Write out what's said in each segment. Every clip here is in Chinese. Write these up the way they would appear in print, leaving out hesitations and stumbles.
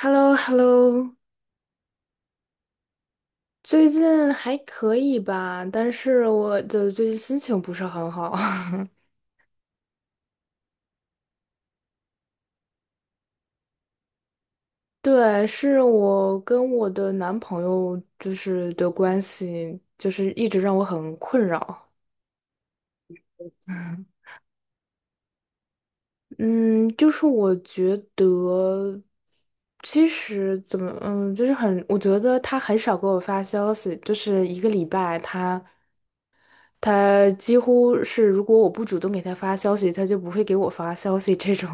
h e l l o h e l l o。 最近还可以吧，但是我的最近心情不是很好。对，是我跟我的男朋友就是的关系，就是一直让我很困扰。嗯，就是我觉得，其实怎么，就是很，我觉得他很少给我发消息，就是一个礼拜他几乎是如果我不主动给他发消息，他就不会给我发消息这种。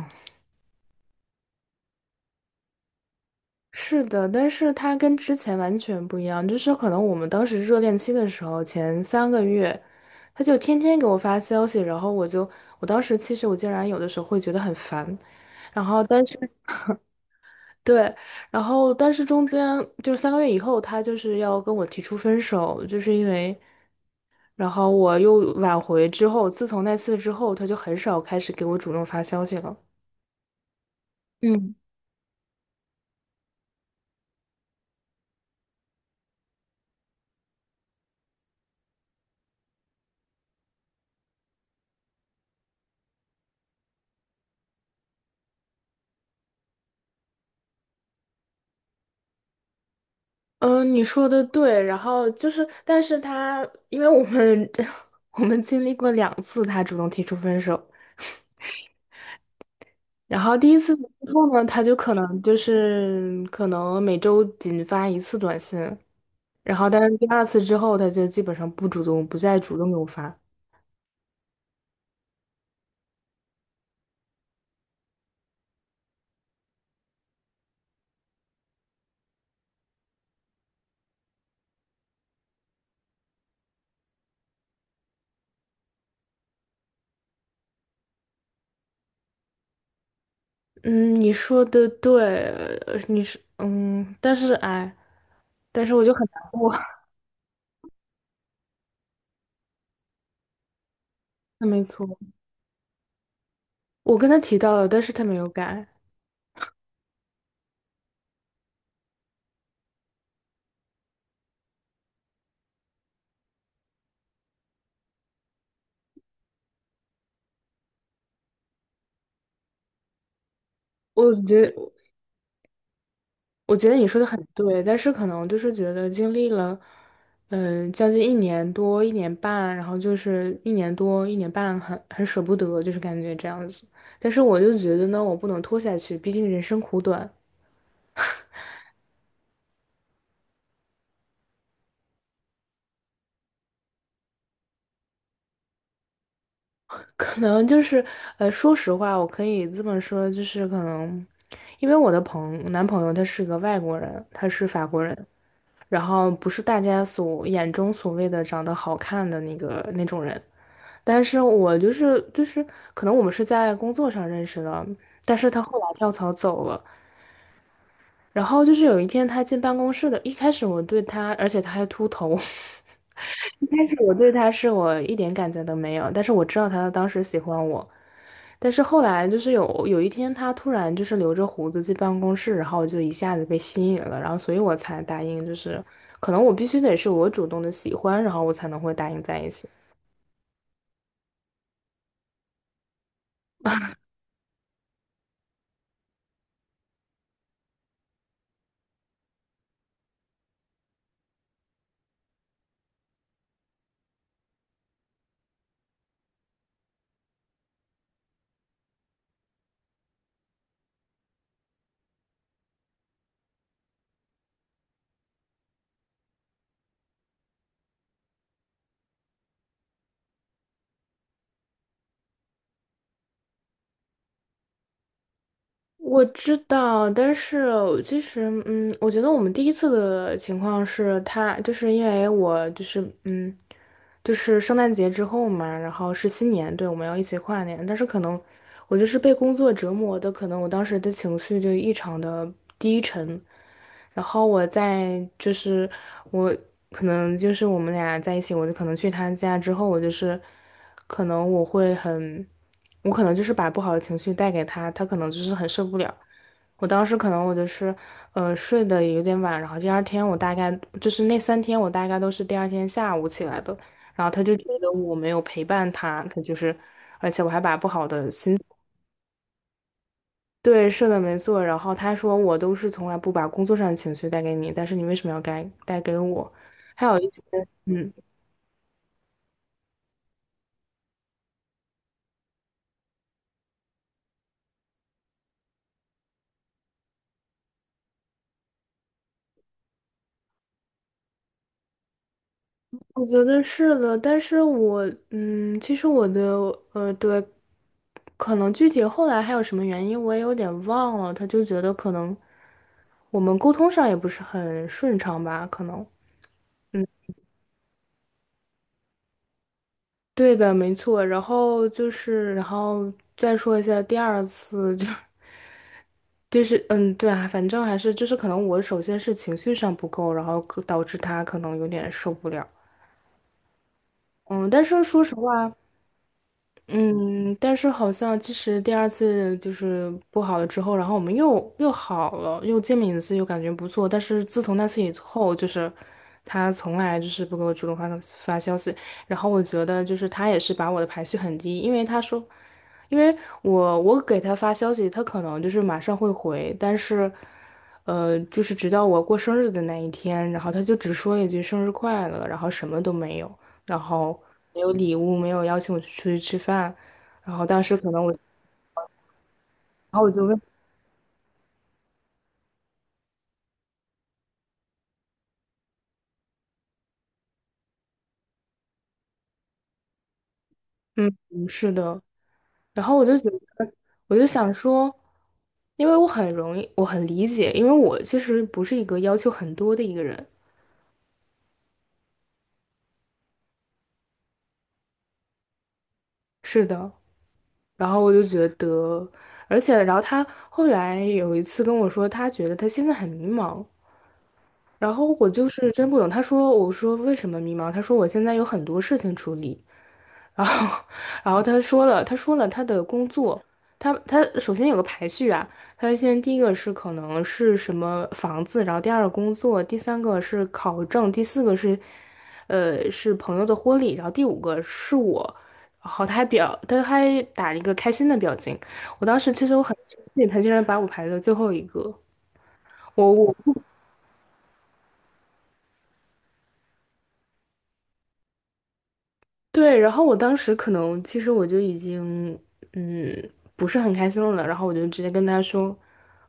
是的，但是他跟之前完全不一样，就是可能我们当时热恋期的时候，前三个月，他就天天给我发消息，然后我当时其实我竟然有的时候会觉得很烦，然后但是对，然后但是中间就是三个月以后，他就是要跟我提出分手，就是因为，然后我又挽回之后，自从那次之后，他就很少开始给我主动发消息了。嗯。嗯，你说的对，然后就是，但是他，因为我们 我们经历过两次他主动提出分手，然后第一次之后呢，他就可能就是可能每周仅发一次短信，然后但是第二次之后，他就基本上不主动，不再主动给我发。嗯，你说的对，你是嗯，但是哎，但是我就很难过。没错，我跟他提到了，但是他没有改，我觉得。我觉得你说的很对，但是可能就是觉得经历了，将近一年多、一年半，然后就是一年多、一年半很，很舍不得，就是感觉这样子。但是我就觉得呢，我不能拖下去，毕竟人生苦短。可能就是，说实话，我可以这么说，就是可能，因为我的男朋友他是个外国人，他是法国人，然后不是大家所眼中所谓的长得好看的那个那种人。但是我就是，可能我们是在工作上认识的，但是他后来跳槽走了。然后就是有一天他进办公室的，一开始我对他，而且他还秃头。一开始我对他是我一点感觉都没有，但是我知道他当时喜欢我。但是后来就是有一天他突然就是留着胡子进办公室，然后我就一下子被吸引了，然后所以我才答应，就是可能我必须得是我主动的喜欢，然后我才能会答应在一起。我知道，但是其实，我觉得我们第一次的情况是他，就是因为我就是，就是圣诞节之后嘛，然后是新年，对，我们要一起跨年，但是可能我就是被工作折磨的，可能我当时的情绪就异常的低沉，然后我在就是我可能就是我们俩在一起，我就可能去他家之后，我就是可能我会很。我可能就是把不好的情绪带给他，他可能就是很受不了。我当时可能我就是，睡得有点晚，然后第二天我大概就是那三天我大概都是第二天下午起来的，然后他就觉得我没有陪伴他，他就是，而且我还把不好的心，对，是的，没错。然后他说我都是从来不把工作上的情绪带给你，但是你为什么要该带给我？还有一些，嗯。我觉得是的，但是我嗯，其实我的对，可能具体后来还有什么原因，我也有点忘了。他就觉得可能我们沟通上也不是很顺畅吧，可能。对的，没错。然后就是，然后再说一下第二次，就是，对啊，反正还是就是可能我首先是情绪上不够，然后可导致他可能有点受不了。嗯，但是说实话。嗯，但是好像其实第二次就是不好了之后，然后我们又好了，又见面一次，又感觉不错。但是自从那次以后，就是他从来就是不给我主动发消息，然后我觉得就是他也是把我的排序很低，因为他说，因为我给他发消息，他可能就是马上会回，但是就是直到我过生日的那一天，然后他就只说一句生日快乐，然后什么都没有。然后没有礼物，没有邀请我去出去吃饭，然后当时可能我，然后我就问，嗯，嗯是的，然后我就觉得，我就想说，因为我很容易，我很理解，因为我其实不是一个要求很多的一个人，是的，然后我就觉得，而且然后他后来有一次跟我说，他觉得他现在很迷茫。然后我就是真不懂，他说，我说为什么迷茫？他说我现在有很多事情处理，然后，然后他说了，他说了他的工作，他首先有个排序啊，他先第一个是可能是什么房子，然后第二个工作，第三个是考证，第四个是，是朋友的婚礼，然后第五个是我，然后他还表，他还打了一个开心的表情，我当时其实我很生气，他竟然把我排在最后一个，我对。然后我当时可能其实我就已经嗯不是很开心了，然后我就直接跟他说，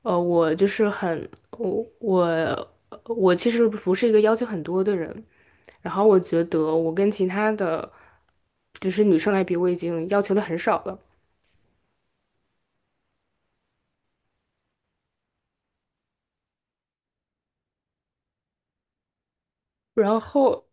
我就是很我其实不是一个要求很多的人，然后我觉得我跟其他的就是女生来比，我已经要求的很少了，然后。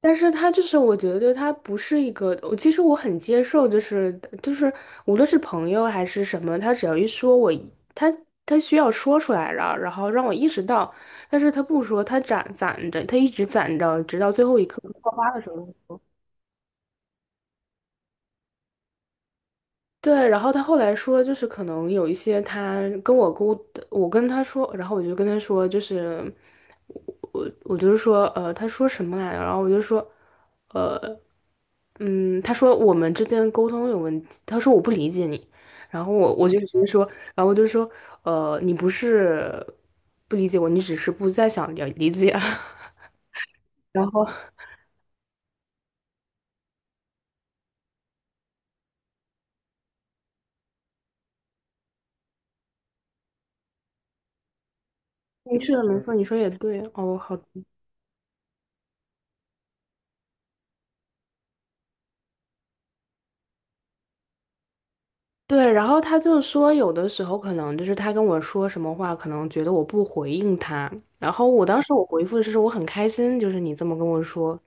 但是他就是，我觉得他不是一个，我其实我很接受，就是就是，无论是朋友还是什么，他只要一说我一他需要说出来了，然后让我意识到，但是他不说，他攒着，他一直攒着，直到最后一刻爆发的时候说对，然后他后来说，就是可能有一些他跟我沟，我跟他说，然后我就跟他说，就是我就是说，他说什么来着？然后我就说。呃。他说我们之间沟通有问题，他说我不理解你，然后我就直接说，然后我就说，你不是不理解我，你只是不再想了理解。然后嗯，是的，没错，你说也对，哦，好，对，然后他就说有的时候可能就是他跟我说什么话，可能觉得我不回应他，然后我当时我回复的是说我很开心，就是你这么跟我说。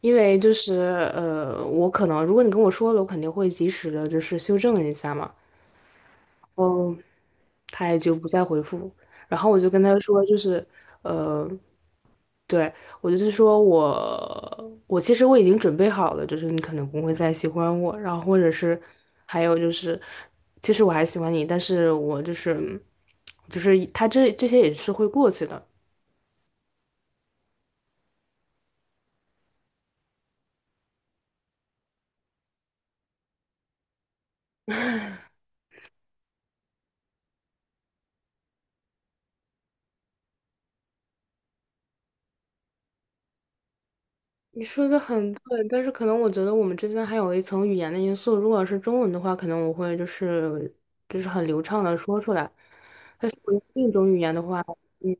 因为就是我可能如果你跟我说了，我肯定会及时的，就是修正一下嘛。嗯。他也就不再回复。然后我就跟他说，就是对我就是说我其实我已经准备好了，就是你可能不会再喜欢我，然后或者是还有就是，其实我还喜欢你，但是我就是他这些也是会过去的。你说的很对，但是可能我觉得我们之间还有一层语言的因素。如果是中文的话，可能我会就是很流畅的说出来，但是我用另一种语言的话，嗯，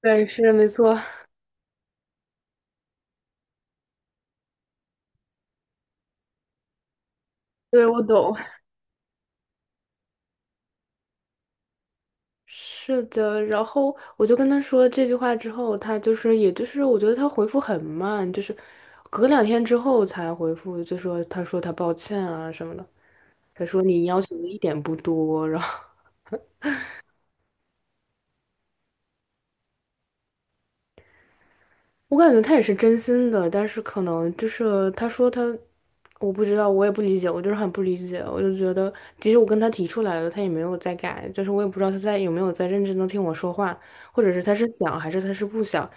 对，是没错，对，我懂。是的，然后我就跟他说这句话之后，他就是，也就是我觉得他回复很慢，就是隔两天之后才回复，就说他说他抱歉啊什么的，他说你要求的一点不多，然后我感觉他也是真心的，但是可能就是他说他，我不知道，我也不理解，我就是很不理解，我就觉得即使我跟他提出来了，他也没有在改，就是我也不知道他在有没有在认真的听我说话，或者是他是想还是他是不想，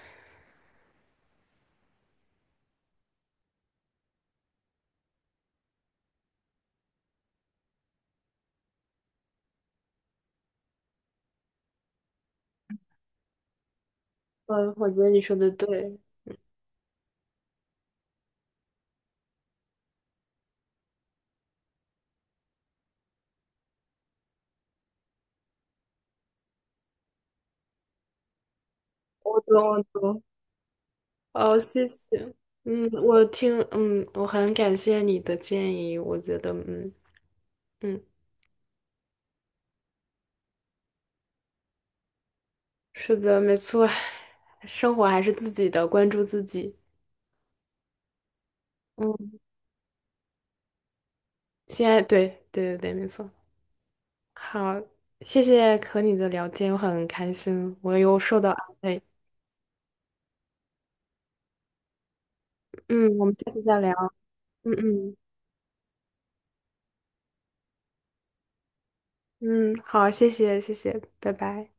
嗯，我觉得你说的对。我懂，我懂。哦，谢谢。嗯，我听，我很感谢你的建议。我觉得，嗯嗯，是的，没错，生活还是自己的，关注自己。嗯，现在对对对对，没错。好，谢谢和你的聊天，我很开心，我又受到安慰。嗯，我们下次再聊。嗯嗯嗯，好，谢谢谢谢，拜拜。